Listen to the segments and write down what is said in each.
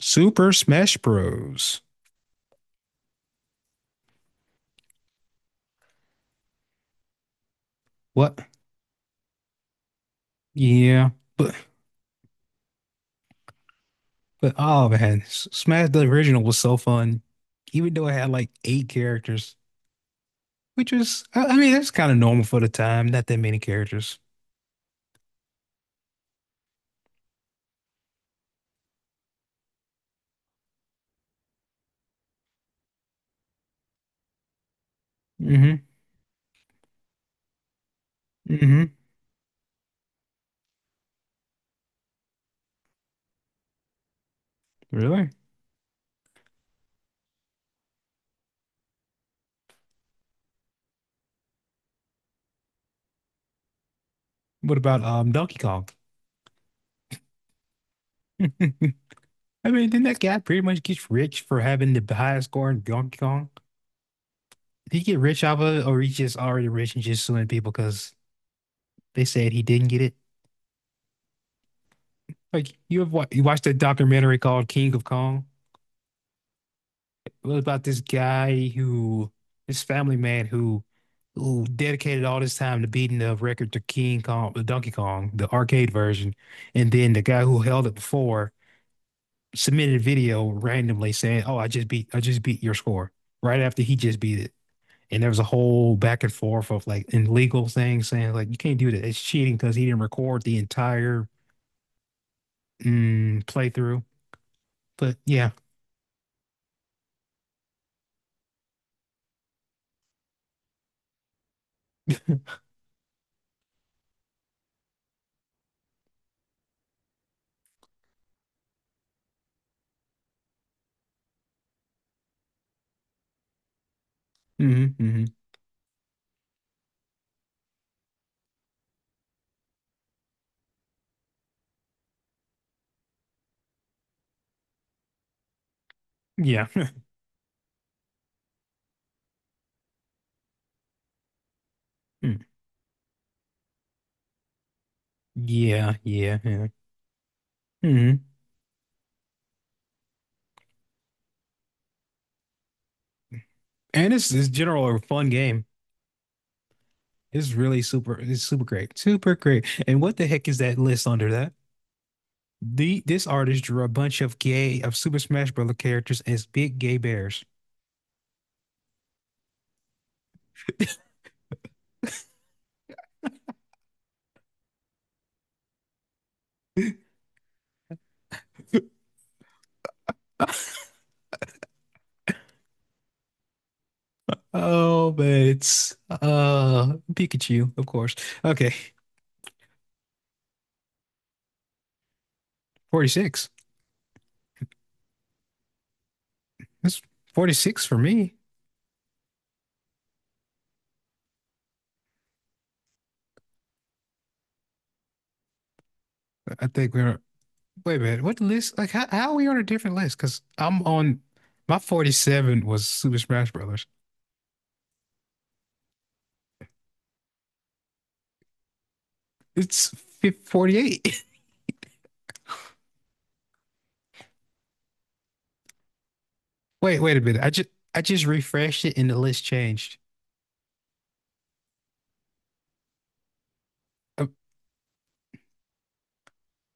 Super Smash Bros. What? Yeah, but oh man, Smash, the original, was so fun, even though it had like eight characters, which was I mean that's kind of normal for the time. Not that many characters. Hmm. Hmm. Really? What about Donkey Kong? I mean, didn't that guy pretty much get rich for having the highest score in Donkey Kong? Did he get rich off of it, or he just already rich and just suing people because they said he didn't get it? Like you have you watched that documentary called King of Kong? It was about this guy who, this family man who dedicated all this time to beating the record to King Kong, the Donkey Kong, the arcade version, and then the guy who held it before submitted a video randomly saying, "Oh, I just beat your score," right after he just beat it. And there was a whole back and forth of like in legal things saying like you can't do that. It's cheating because he didn't record the entire playthrough. But yeah. Hmm. Hmm. Yeah. Mm. Yeah, yeah, yeah. Mm-hmm. And it's general a fun game. It's really super. It's super great. Super great. And what the heck is that list under that? The this artist drew a bunch of gay of Super Smash Bros. Characters as big gay bears. Oh, but it's Pikachu, of course. Okay, 46. That's 46 for me. I think we're, wait a minute. What list? Like how are we on a different list? Because I'm on, my 47 was Super Smash Brothers. It's 48. Wait, wait a minute. I just, I just refreshed it and the list changed. Uh,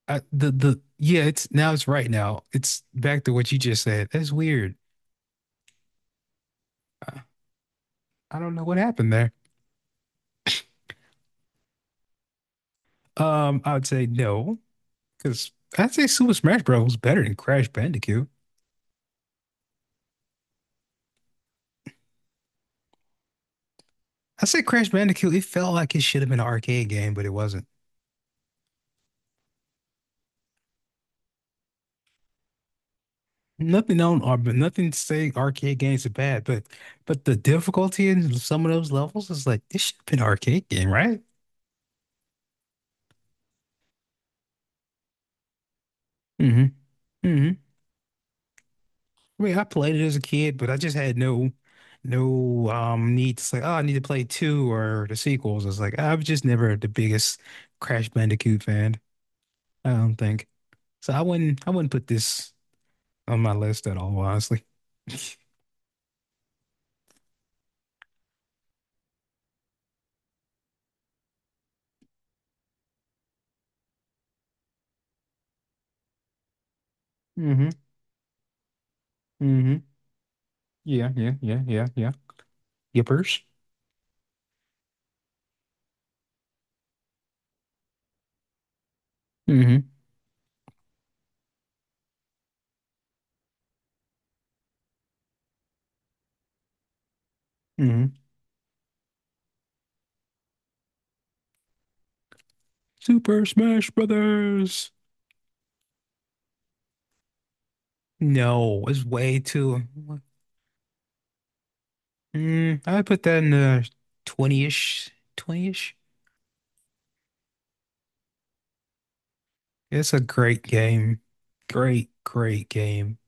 the yeah, it's now, it's right now. It's back to what you just said. That's weird. I, I don't know what happened there. I would say no because I'd say Super Smash Bros. Was better than Crash Bandicoot. I say Crash Bandicoot. It felt like it should have been an arcade game, but it wasn't. Nothing on or but nothing to say arcade games are bad, but the difficulty in some of those levels is like this should have been an arcade game, right? Hmm. Hmm. I mean, I played it as a kid, but I just had no, no need to say, oh, I need to play two or the sequels. It's like I was just never the biggest Crash Bandicoot fan, I don't think. So I wouldn't, I wouldn't put this on my list at all, honestly. Mm-hmm. Mm-hmm. Yeah, yeah, yeah, yeah, yeah. Yippers. Mm-hmm. Mm-hmm. Super Smash Brothers. No, it's way too. Mm, I put that in the 20-ish, 20-ish. It's a great game. Great, great game.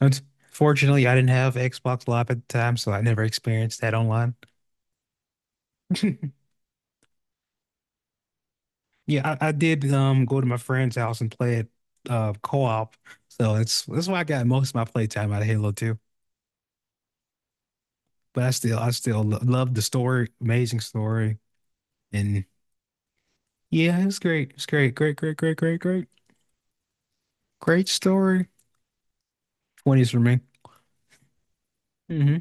Unfortunately, I didn't have Xbox Live at the time, so I never experienced that online. Yeah, I did go to my friend's house and play it co-op. So that's why I got most of my playtime out of Halo 2. But I still, I still lo love the story, amazing story. And yeah, it's great. It's great. Great, great, great, great, great. Great story. 20s for me. Mm-hmm.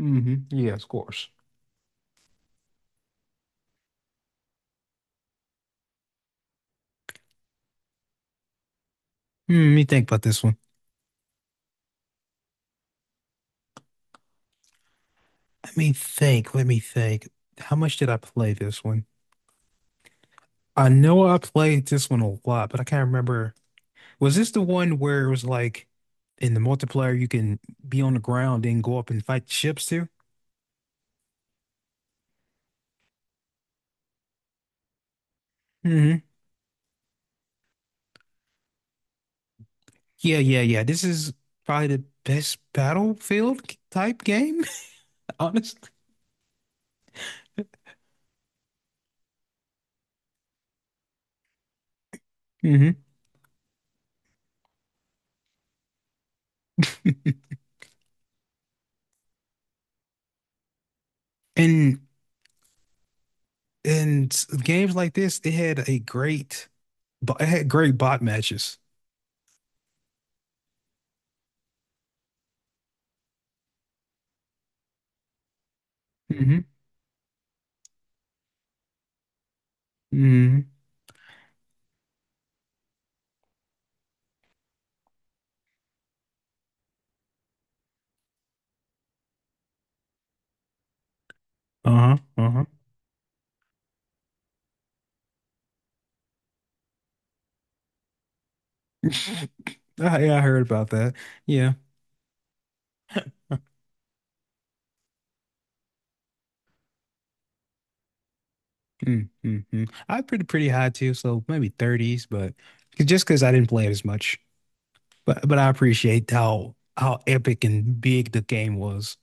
Mm-hmm. Yeah, of course. Hmm, let me think about this one. Let me think. Let me think. How much did I play this one? I know I played this one a lot, but I can't remember. Was this the one where it was like in the multiplayer you can be on the ground and go up and fight ships too? Hmm. Yeah, yeah, yeah. This is probably the best Battlefield type game, honestly. Hmm. And games like this, it had a great, it had great bot matches. Hmm. Hmm. Uh-huh. Uh-huh. Ah, yeah, I heard about that. Yeah. Mm, mm, mm. I had pretty, pretty high too, so maybe 30s, but just because I didn't play it as much. But I appreciate how epic and big the game was,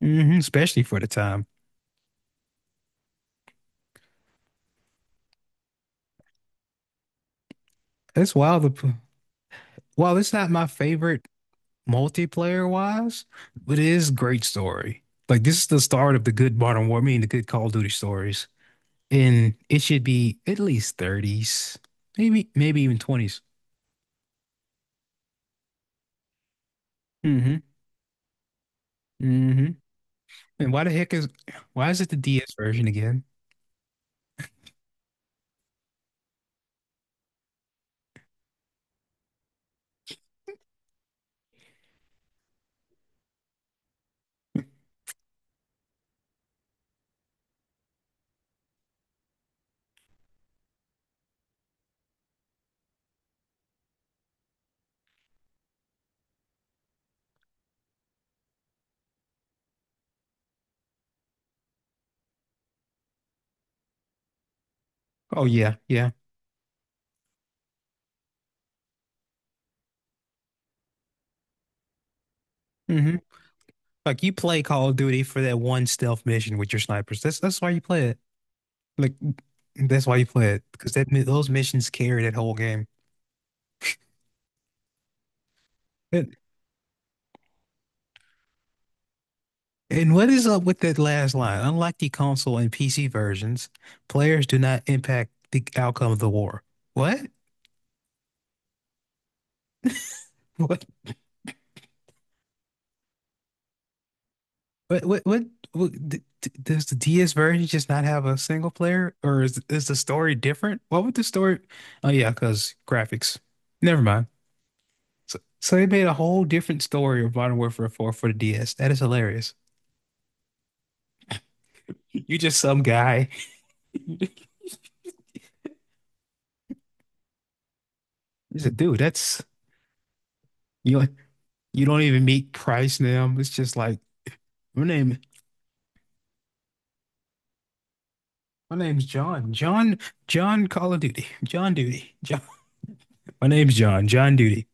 hmm, especially for the time. That's wild. The, while it's not my favorite multiplayer wise, but it is great story. Like this is the start of the good Modern War, I mean the good Call of Duty stories, and it should be at least 30s, maybe maybe even 20s. Hmm. Hmm. And why the heck is, why is it the DS version again? Oh yeah, yeah. Hmm. Like you play Call of Duty for that one stealth mission with your snipers. That's why you play it. Like that's why you play it because that those missions carry that whole game. And, and what is up with that last line? Unlike the console and PC versions, players do not impact the outcome of the war. What? What? What what what, what does the DS version just not have a single player, or is the story different? What would the story? Oh yeah, because graphics. Never mind. So so they made a whole different story of Modern Warfare 4 for the DS. That is hilarious. You just some guy. He's a dude. That's, you know, you don't even meet Price now. It's just like my name. My name's John. John. John Call of Duty. John Duty. John. My name's John. John Duty.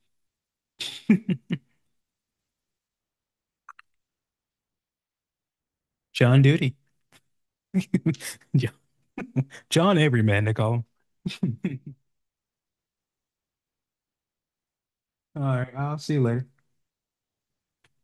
John Duty. John Everyman, they call him. All right, I'll see you later.